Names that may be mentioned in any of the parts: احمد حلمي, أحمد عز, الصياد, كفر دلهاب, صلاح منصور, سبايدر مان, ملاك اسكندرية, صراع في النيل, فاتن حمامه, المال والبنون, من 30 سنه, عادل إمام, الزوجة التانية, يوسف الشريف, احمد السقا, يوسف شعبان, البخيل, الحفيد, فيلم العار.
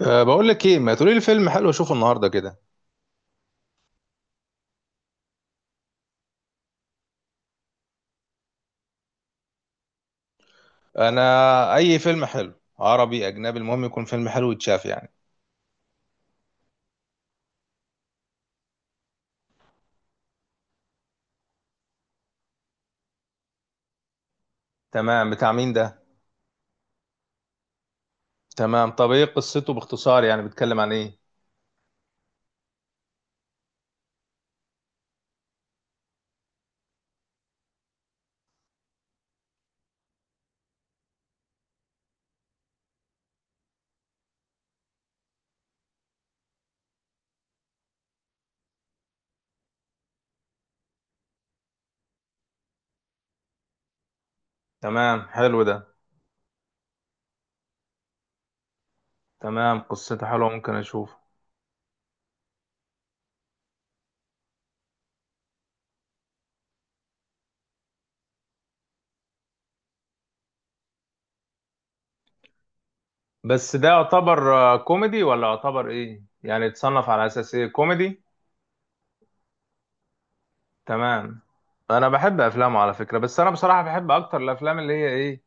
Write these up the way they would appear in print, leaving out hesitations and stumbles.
بقول لك ايه، ما تقولي لي فيلم حلو اشوفه النهارده كده. انا اي فيلم حلو، عربي اجنبي المهم يكون فيلم حلو يتشاف يعني. تمام، بتاع مين ده؟ تمام، طب ايه قصته باختصار؟ يعني بيتكلم عن ايه؟ تمام، حلو ده. تمام، قصته حلوه ممكن اشوفه. بس ده يعتبر كوميدي ولا يعتبر ايه؟ يعني يتصنف على اساس ايه؟ كوميدي؟ تمام. انا بحب افلامه على فكره، بس انا بصراحه بحب اكتر الافلام اللي هي ايه،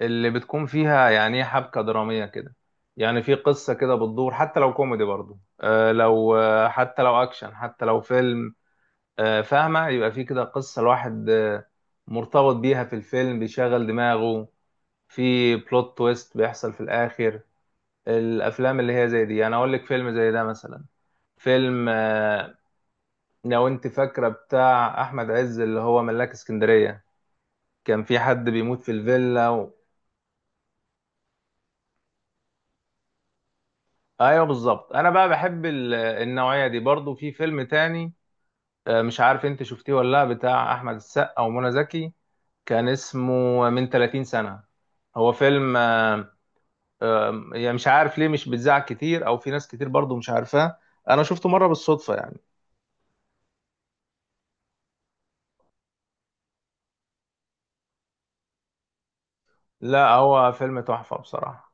اللي بتكون فيها يعني إيه، حبكة درامية كده. يعني في قصة كده بتدور، حتى لو كوميدي برضو، آه لو آه حتى لو أكشن، حتى لو فيلم فاهمة؟ يبقى في كده قصة الواحد مرتبط بيها في الفيلم، بيشغل دماغه، في بلوت تويست بيحصل في الآخر. الأفلام اللي هي زي دي، يعني أقول لك فيلم زي ده مثلا، فيلم لو أنت فاكرة بتاع أحمد عز اللي هو ملاك اسكندرية، كان في حد بيموت في الفيلا. ايوه بالظبط، انا بقى بحب النوعيه دي. برضو في فيلم تاني، مش عارف انت شفتيه ولا لا، بتاع احمد السقا ومنى زكي. كان اسمه من 30 سنه. هو فيلم يعني مش عارف ليه مش بيتذاع كتير، او في ناس كتير برضو مش عارفاه. انا شفته مره بالصدفه يعني. لا هو فيلم تحفه بصراحه.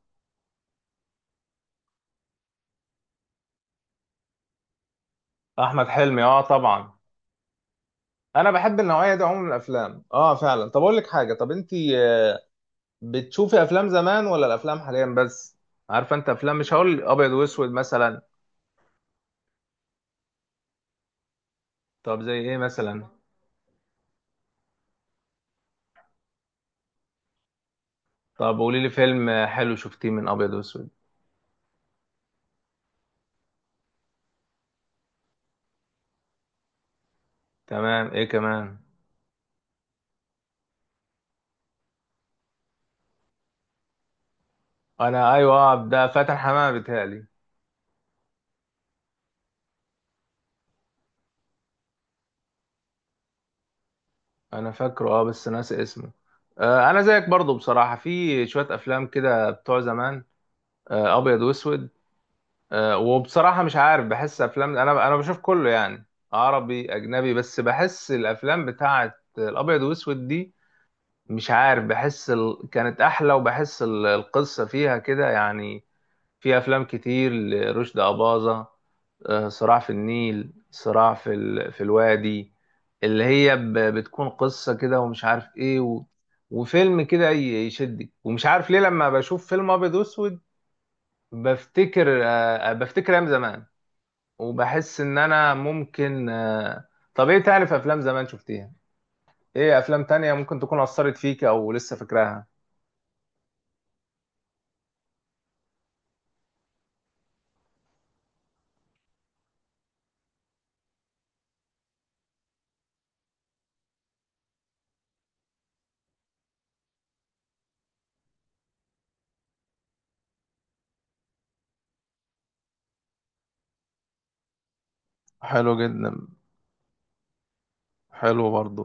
احمد حلمي، اه طبعا. انا بحب النوعيه دي عموما من الافلام، اه فعلا. طب اقول لك حاجه، طب انت بتشوفي افلام زمان ولا الافلام حاليا بس؟ عارفه انت افلام مش هقول ابيض واسود مثلا؟ طب زي ايه مثلا؟ طب قولي لي فيلم حلو شفتيه من ابيض واسود. تمام، ايه كمان؟ انا ايوه، ده فاتن حمامه بيتهيألي. انا فاكره، اه بس ناسي اسمه. آه انا زيك برضو بصراحه، في شويه افلام كده بتوع زمان، آه ابيض واسود. آه وبصراحه مش عارف، بحس افلام، انا بشوف كله يعني، عربي اجنبي، بس بحس الافلام بتاعه الابيض واسود دي، مش عارف، بحس كانت احلى، وبحس القصه فيها كده يعني. في افلام كتير لرشدي اباظه، صراع في النيل، صراع في الوادي، اللي هي بتكون قصه كده، ومش عارف ايه وفيلم كده يشدك، ومش عارف ليه لما بشوف فيلم ابيض واسود بفتكر، بفتكر ايام زمان، وبحس ان انا ممكن طب ايه تاني؟ في افلام زمان شفتيها؟ ايه افلام تانية ممكن تكون اثرت فيك او لسه فاكراها؟ حلو جدا. حلو برضو.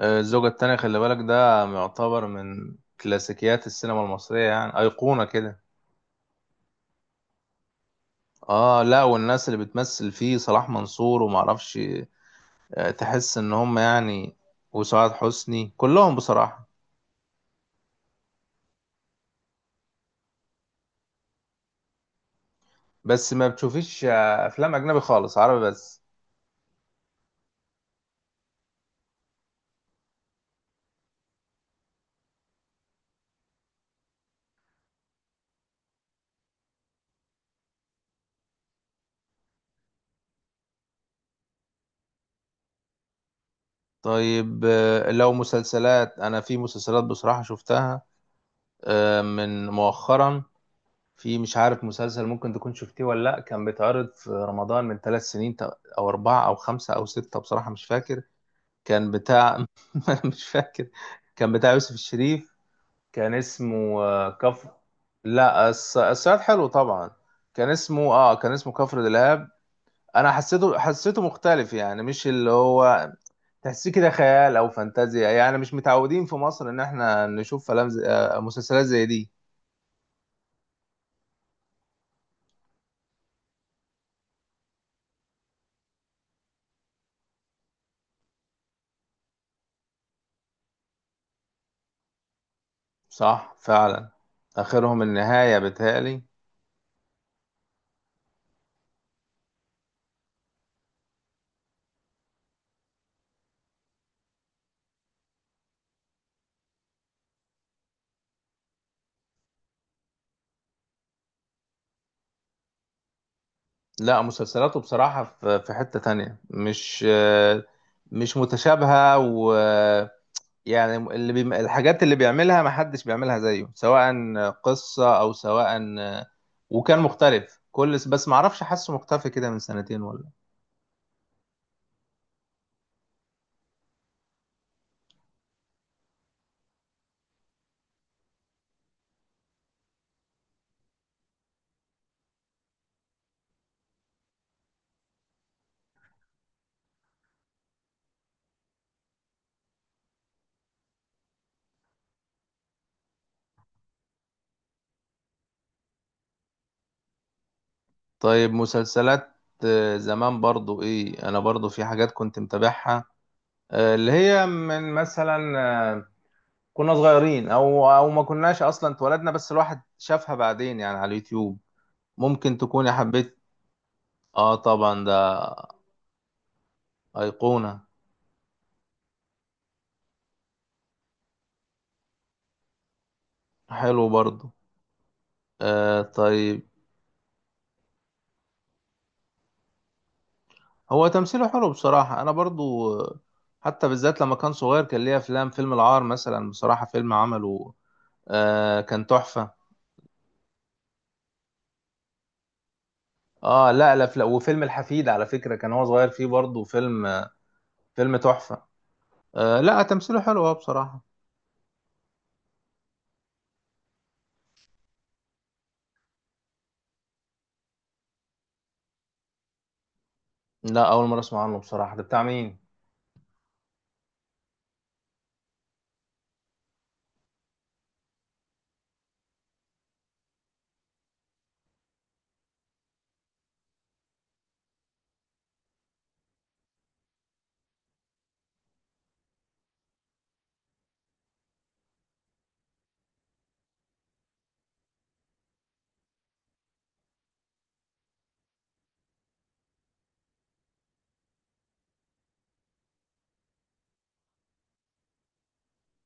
الزوجة التانية، خلي بالك ده يعتبر من كلاسيكيات السينما المصرية، يعني أيقونة كده. اه لا، والناس اللي بتمثل فيه صلاح منصور ومعرفش تحس ان هم يعني، وسعاد حسني، كلهم بصراحة. بس ما بتشوفيش افلام اجنبي خالص؟ عربي بس؟ طيب لو مسلسلات، انا في مسلسلات بصراحة شفتها من مؤخرا. في مش عارف مسلسل، ممكن تكون شفتيه ولا لأ، كان بيتعرض في رمضان من ثلاث سنين أو أربعة أو خمسة أو ستة، بصراحة مش فاكر. كان بتاع مش فاكر. كان بتاع يوسف الشريف، كان اسمه كفر. لا الصياد حلو طبعا. كان اسمه، اه كان اسمه كفر دلهاب. انا حسيته مختلف، يعني مش اللي هو تحسيه كده خيال او فانتازيا، يعني مش متعودين في مصر ان احنا نشوف فلام زي... آه، مسلسلات زي دي. صح فعلا. اخرهم النهاية بتهيألي. لا مسلسلاته بصراحة في حتة تانية مش مش متشابهة. و يعني الحاجات اللي بيعملها ما حدش بيعملها زيه، سواء قصة او سواء. وكان مختلف كل، بس ما اعرفش حاسه مختفي كده من سنتين ولا. طيب مسلسلات زمان برضو، ايه انا برضو في حاجات كنت متابعها اللي هي من مثلا كنا صغيرين او ما كناش اصلا اتولدنا، بس الواحد شافها بعدين يعني على اليوتيوب. ممكن تكوني حبيت، اه طبعا ده ايقونة. حلو برضو. آه طيب. هو تمثيله حلو بصراحة، انا برضو حتى بالذات لما كان صغير كان ليه افلام، فيلم العار مثلا بصراحة فيلم عمله، آه كان تحفة. اه لا لا لا وفيلم الحفيد على فكرة كان هو صغير فيه برضو، فيلم فيلم تحفة. آه لا تمثيله حلو هو بصراحة. لا اول مرة اسمع عنه بصراحة، ده بتاع مين؟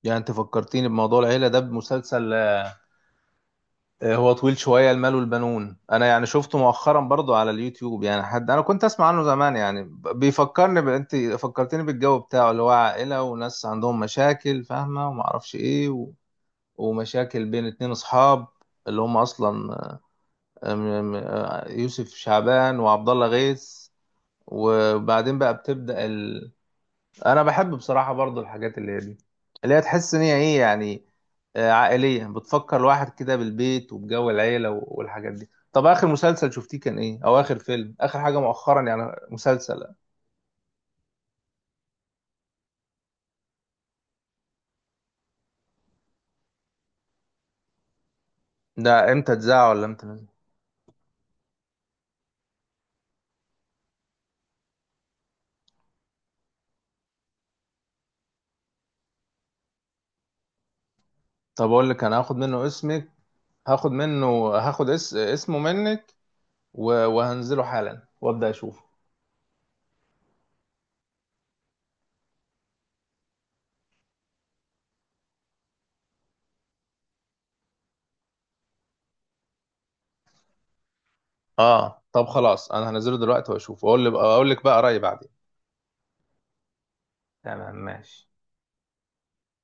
يعني انت فكرتيني بموضوع العيلة ده بمسلسل هو طويل شوية، المال والبنون. انا يعني شفته مؤخرا برضو على اليوتيوب، يعني حد انا كنت اسمع عنه زمان يعني بيفكرني انت فكرتني بالجو بتاعه، اللي هو عائلة وناس عندهم مشاكل فاهمة، وما اعرفش ايه ومشاكل بين اتنين اصحاب، اللي هم اصلا يوسف شعبان وعبد الله غيث، وبعدين بقى بتبدأ. انا بحب بصراحه برضو الحاجات اللي هي دي، اللي هي تحس ان هي ايه يعني عائليه، بتفكر الواحد كده بالبيت وبجو العيله والحاجات دي. طب اخر مسلسل شفتيه كان ايه؟ او اخر فيلم، اخر حاجه مؤخرا يعني، مسلسل؟ ده امتى اتذاع ولا امتى نزل؟ طب اقول لك، انا هاخد منه اسمك، هاخد منه، اسمه منك، وهنزله حالا وابدا اشوفه. اه طب خلاص، انا هنزله دلوقتي واشوفه، اقول لك بقى رايي بعدين. تمام ماشي.